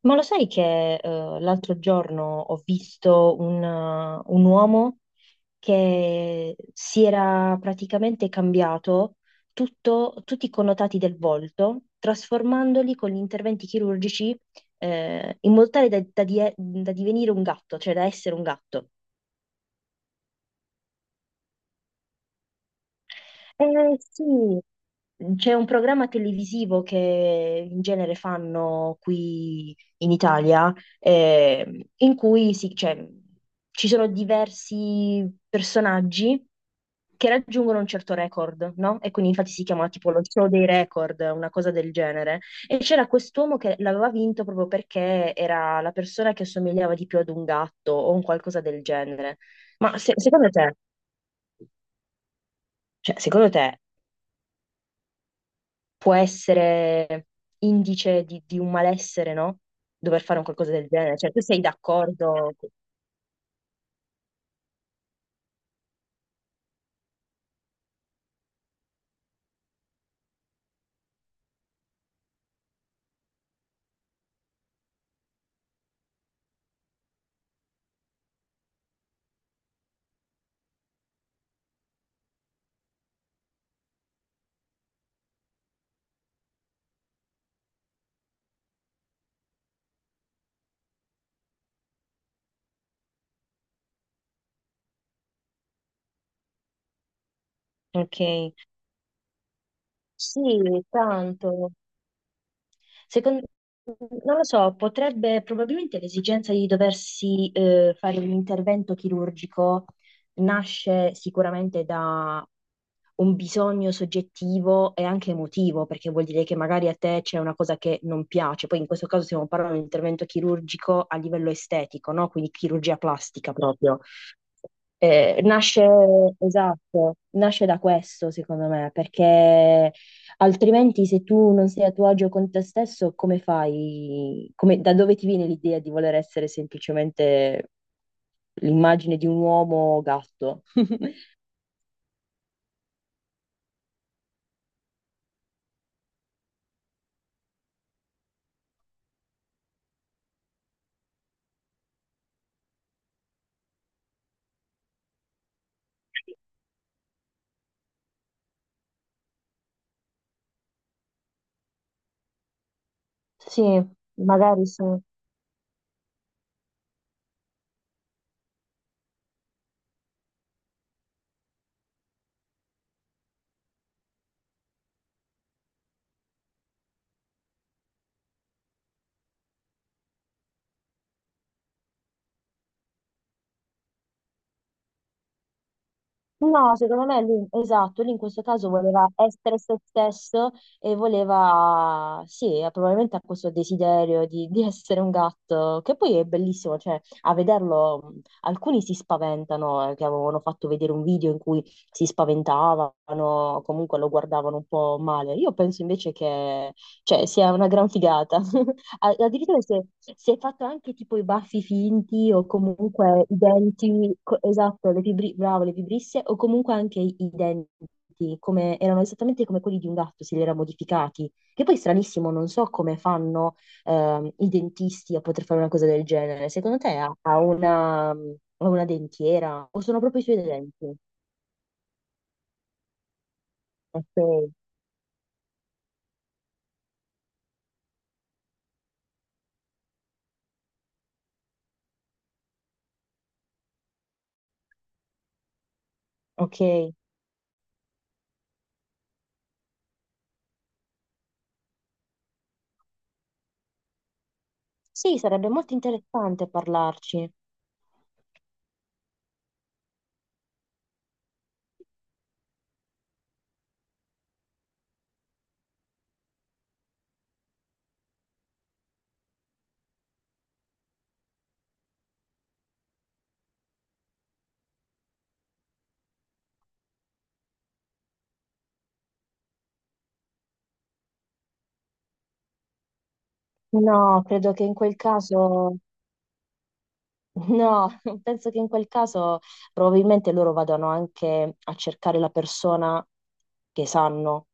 Ma lo sai che l'altro giorno ho visto un uomo che si era praticamente cambiato tutti i connotati del volto, trasformandoli con gli interventi chirurgici in modo tale da da divenire un gatto, cioè da essere un gatto. Eh sì, c'è un programma televisivo che in genere fanno qui in Italia, in cui cioè, ci sono diversi personaggi che raggiungono un certo record, no? E quindi infatti si chiama tipo lo show dei record, una cosa del genere. E c'era quest'uomo che l'aveva vinto proprio perché era la persona che assomigliava di più ad un gatto o un qualcosa del genere. Ma secondo te, cioè, secondo te può essere indice di un malessere, no? Dover fare un qualcosa del genere. Cioè, tu sei d'accordo? Ok. Sì, tanto. Secondo, non lo so, potrebbe probabilmente l'esigenza di doversi fare un intervento chirurgico nasce sicuramente da un bisogno soggettivo e anche emotivo, perché vuol dire che magari a te c'è una cosa che non piace. Poi in questo caso stiamo parlando di un intervento chirurgico a livello estetico, no? Quindi chirurgia plastica proprio. Nasce, esatto, nasce da questo, secondo me, perché altrimenti, se tu non sei a tuo agio con te stesso, come fai? Da dove ti viene l'idea di voler essere semplicemente l'immagine di un uomo gatto? Sì, magari sì. No, secondo me lui, esatto, lui in questo caso voleva essere se stesso e voleva, sì, probabilmente ha questo desiderio di essere un gatto, che poi è bellissimo, cioè a vederlo alcuni si spaventano, che avevano fatto vedere un video in cui si spaventavano, comunque lo guardavano un po' male. Io penso invece che, cioè, sia una gran figata Addirittura si è fatto anche tipo i baffi finti o comunque i denti, esatto, le bravo, le vibrisse o comunque anche i denti, come, erano esattamente come quelli di un gatto, se li era modificati. Che poi è stranissimo, non so come fanno i dentisti a poter fare una cosa del genere. Secondo te ha, ha una dentiera o sono proprio i suoi denti? Ok, ok. Sì, sarebbe molto interessante parlarci. No, credo che in quel caso... No, penso che in quel caso probabilmente loro vadano anche a cercare la persona che sanno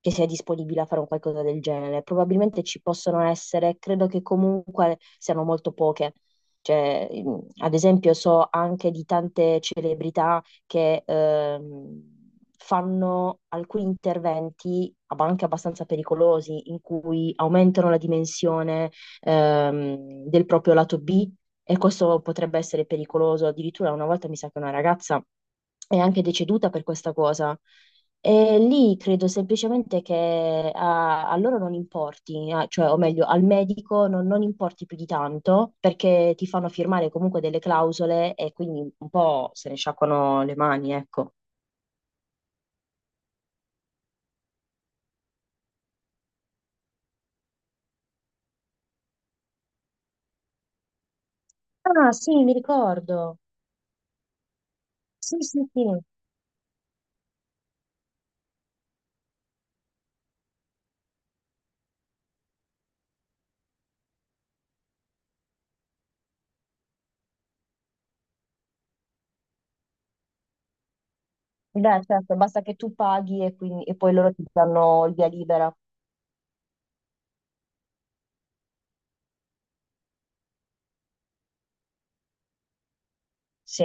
che sia disponibile a fare un qualcosa del genere. Probabilmente ci possono essere, credo che comunque siano molto poche. Cioè, mm, ad esempio, so anche di tante celebrità che fanno alcuni interventi, ma anche abbastanza pericolosi, in cui aumentano la dimensione del proprio lato B e questo potrebbe essere pericoloso. Addirittura una volta mi sa che una ragazza è anche deceduta per questa cosa. E lì credo semplicemente che a loro non importi, cioè, o meglio, al medico non, non importi più di tanto perché ti fanno firmare comunque delle clausole e quindi un po' se ne sciacquano le mani, ecco. Ah, sì, mi ricordo. Sì, sì, sì. Beh, certo, basta che tu paghi e poi loro ti danno il via libera. Sì.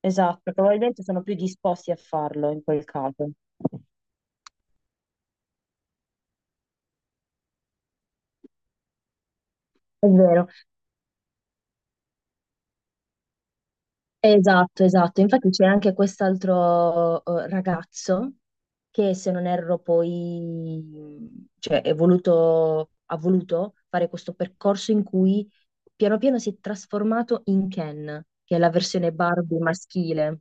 Esatto, probabilmente sono più disposti a farlo in quel caso. È vero, esatto, esatto. Infatti c'è anche quest'altro ragazzo che, se non erro, poi cioè, è voluto, ha voluto fare questo percorso in cui piano piano si è trasformato in Ken, che è la versione Barbie maschile.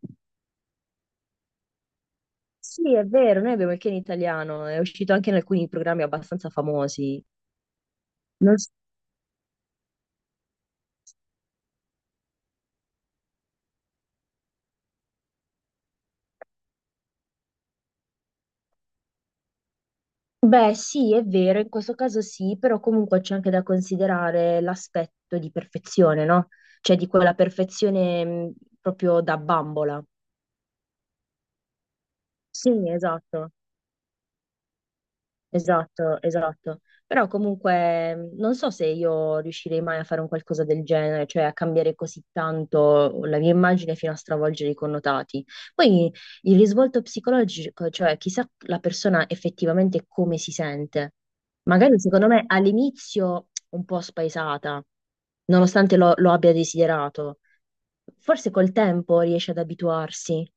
Sì, è vero, noi abbiamo il Ken italiano, è uscito anche in alcuni programmi abbastanza famosi. Beh, sì, è vero, in questo caso sì, però comunque c'è anche da considerare l'aspetto di perfezione, no? Cioè di quella perfezione proprio da bambola. Sì, esatto. Esatto, esatto. Però comunque non so se io riuscirei mai a fare un qualcosa del genere, cioè a cambiare così tanto la mia immagine fino a stravolgere i connotati. Poi il risvolto psicologico, cioè chissà la persona effettivamente come si sente. Magari secondo me all'inizio un po' spaesata, nonostante lo abbia desiderato. Forse col tempo riesce ad abituarsi.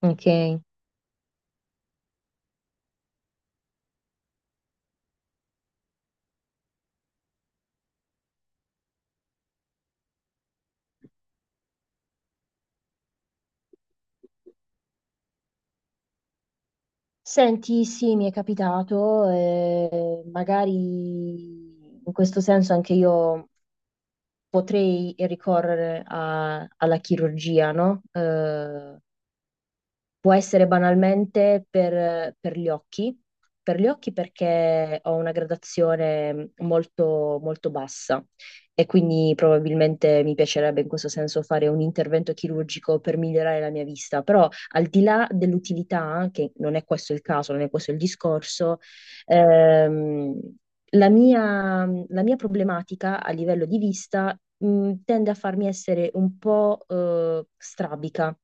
Ok. Senti, sì, mi è capitato, magari in questo senso anche io potrei ricorrere alla chirurgia, no? Può essere banalmente per gli occhi perché ho una gradazione molto, molto bassa e quindi probabilmente mi piacerebbe in questo senso fare un intervento chirurgico per migliorare la mia vista, però al di là dell'utilità, che non è questo il caso, non è questo il discorso, ehm, la mia problematica a livello di vista, tende a farmi essere un po', strabica.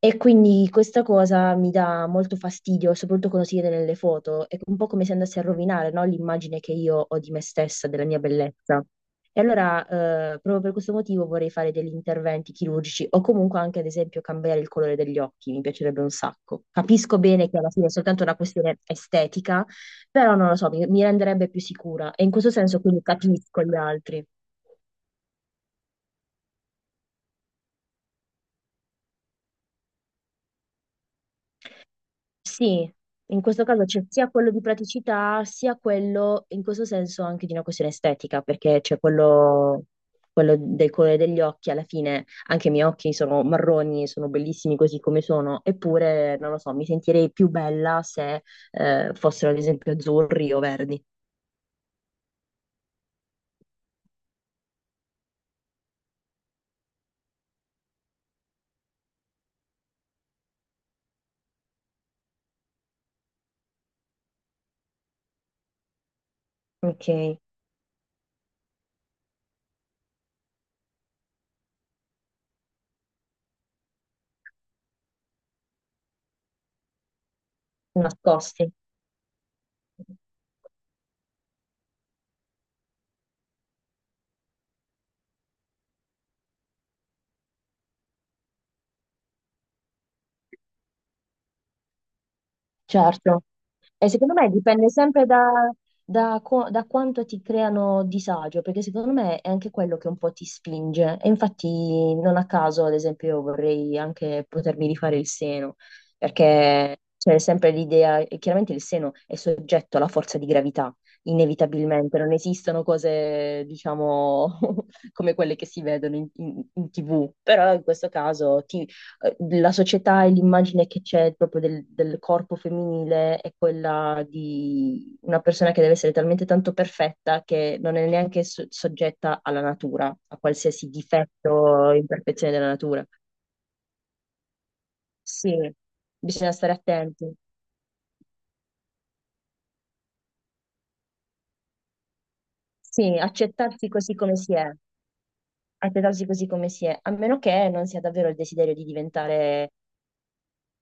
E quindi questa cosa mi dà molto fastidio, soprattutto quando si vede nelle foto. È un po' come se andasse a rovinare, no, l'immagine che io ho di me stessa, della mia bellezza. E allora, proprio per questo motivo vorrei fare degli interventi chirurgici o comunque anche, ad esempio, cambiare il colore degli occhi. Mi piacerebbe un sacco. Capisco bene che alla fine è soltanto una questione estetica, però non lo so, mi renderebbe più sicura. E in questo senso quindi capisco gli altri. Sì, in questo caso c'è sia quello di praticità, sia quello, in questo senso, anche di una questione estetica, perché c'è quello, quello del colore degli occhi, alla fine anche i miei occhi sono marroni, sono bellissimi così come sono, eppure, non lo so, mi sentirei più bella se fossero ad esempio azzurri o verdi. Ok, nascosti. Certo, e secondo me dipende sempre da, da quanto ti creano disagio, perché secondo me è anche quello che un po' ti spinge. E infatti non a caso, ad esempio, io vorrei anche potermi rifare il seno, perché c'è sempre l'idea, e chiaramente il seno è soggetto alla forza di gravità, inevitabilmente, non esistono cose, diciamo, come quelle che si vedono in, in TV, però in questo caso la società e l'immagine che c'è proprio del, del corpo femminile è quella di una persona che deve essere talmente tanto perfetta che non è neanche soggetta alla natura, a qualsiasi difetto o imperfezione della natura. Sì, bisogna stare attenti. Sì, accettarsi così come si è, accettarsi così come si è, a meno che non sia davvero il desiderio di diventare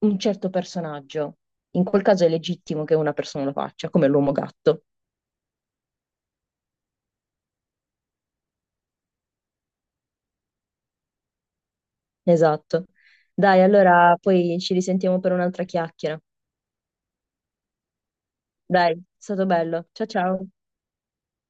un certo personaggio. In quel caso è legittimo che una persona lo faccia, come l'uomo gatto. Esatto. Dai, allora poi ci risentiamo per un'altra chiacchiera. Dai, è stato bello. Ciao ciao.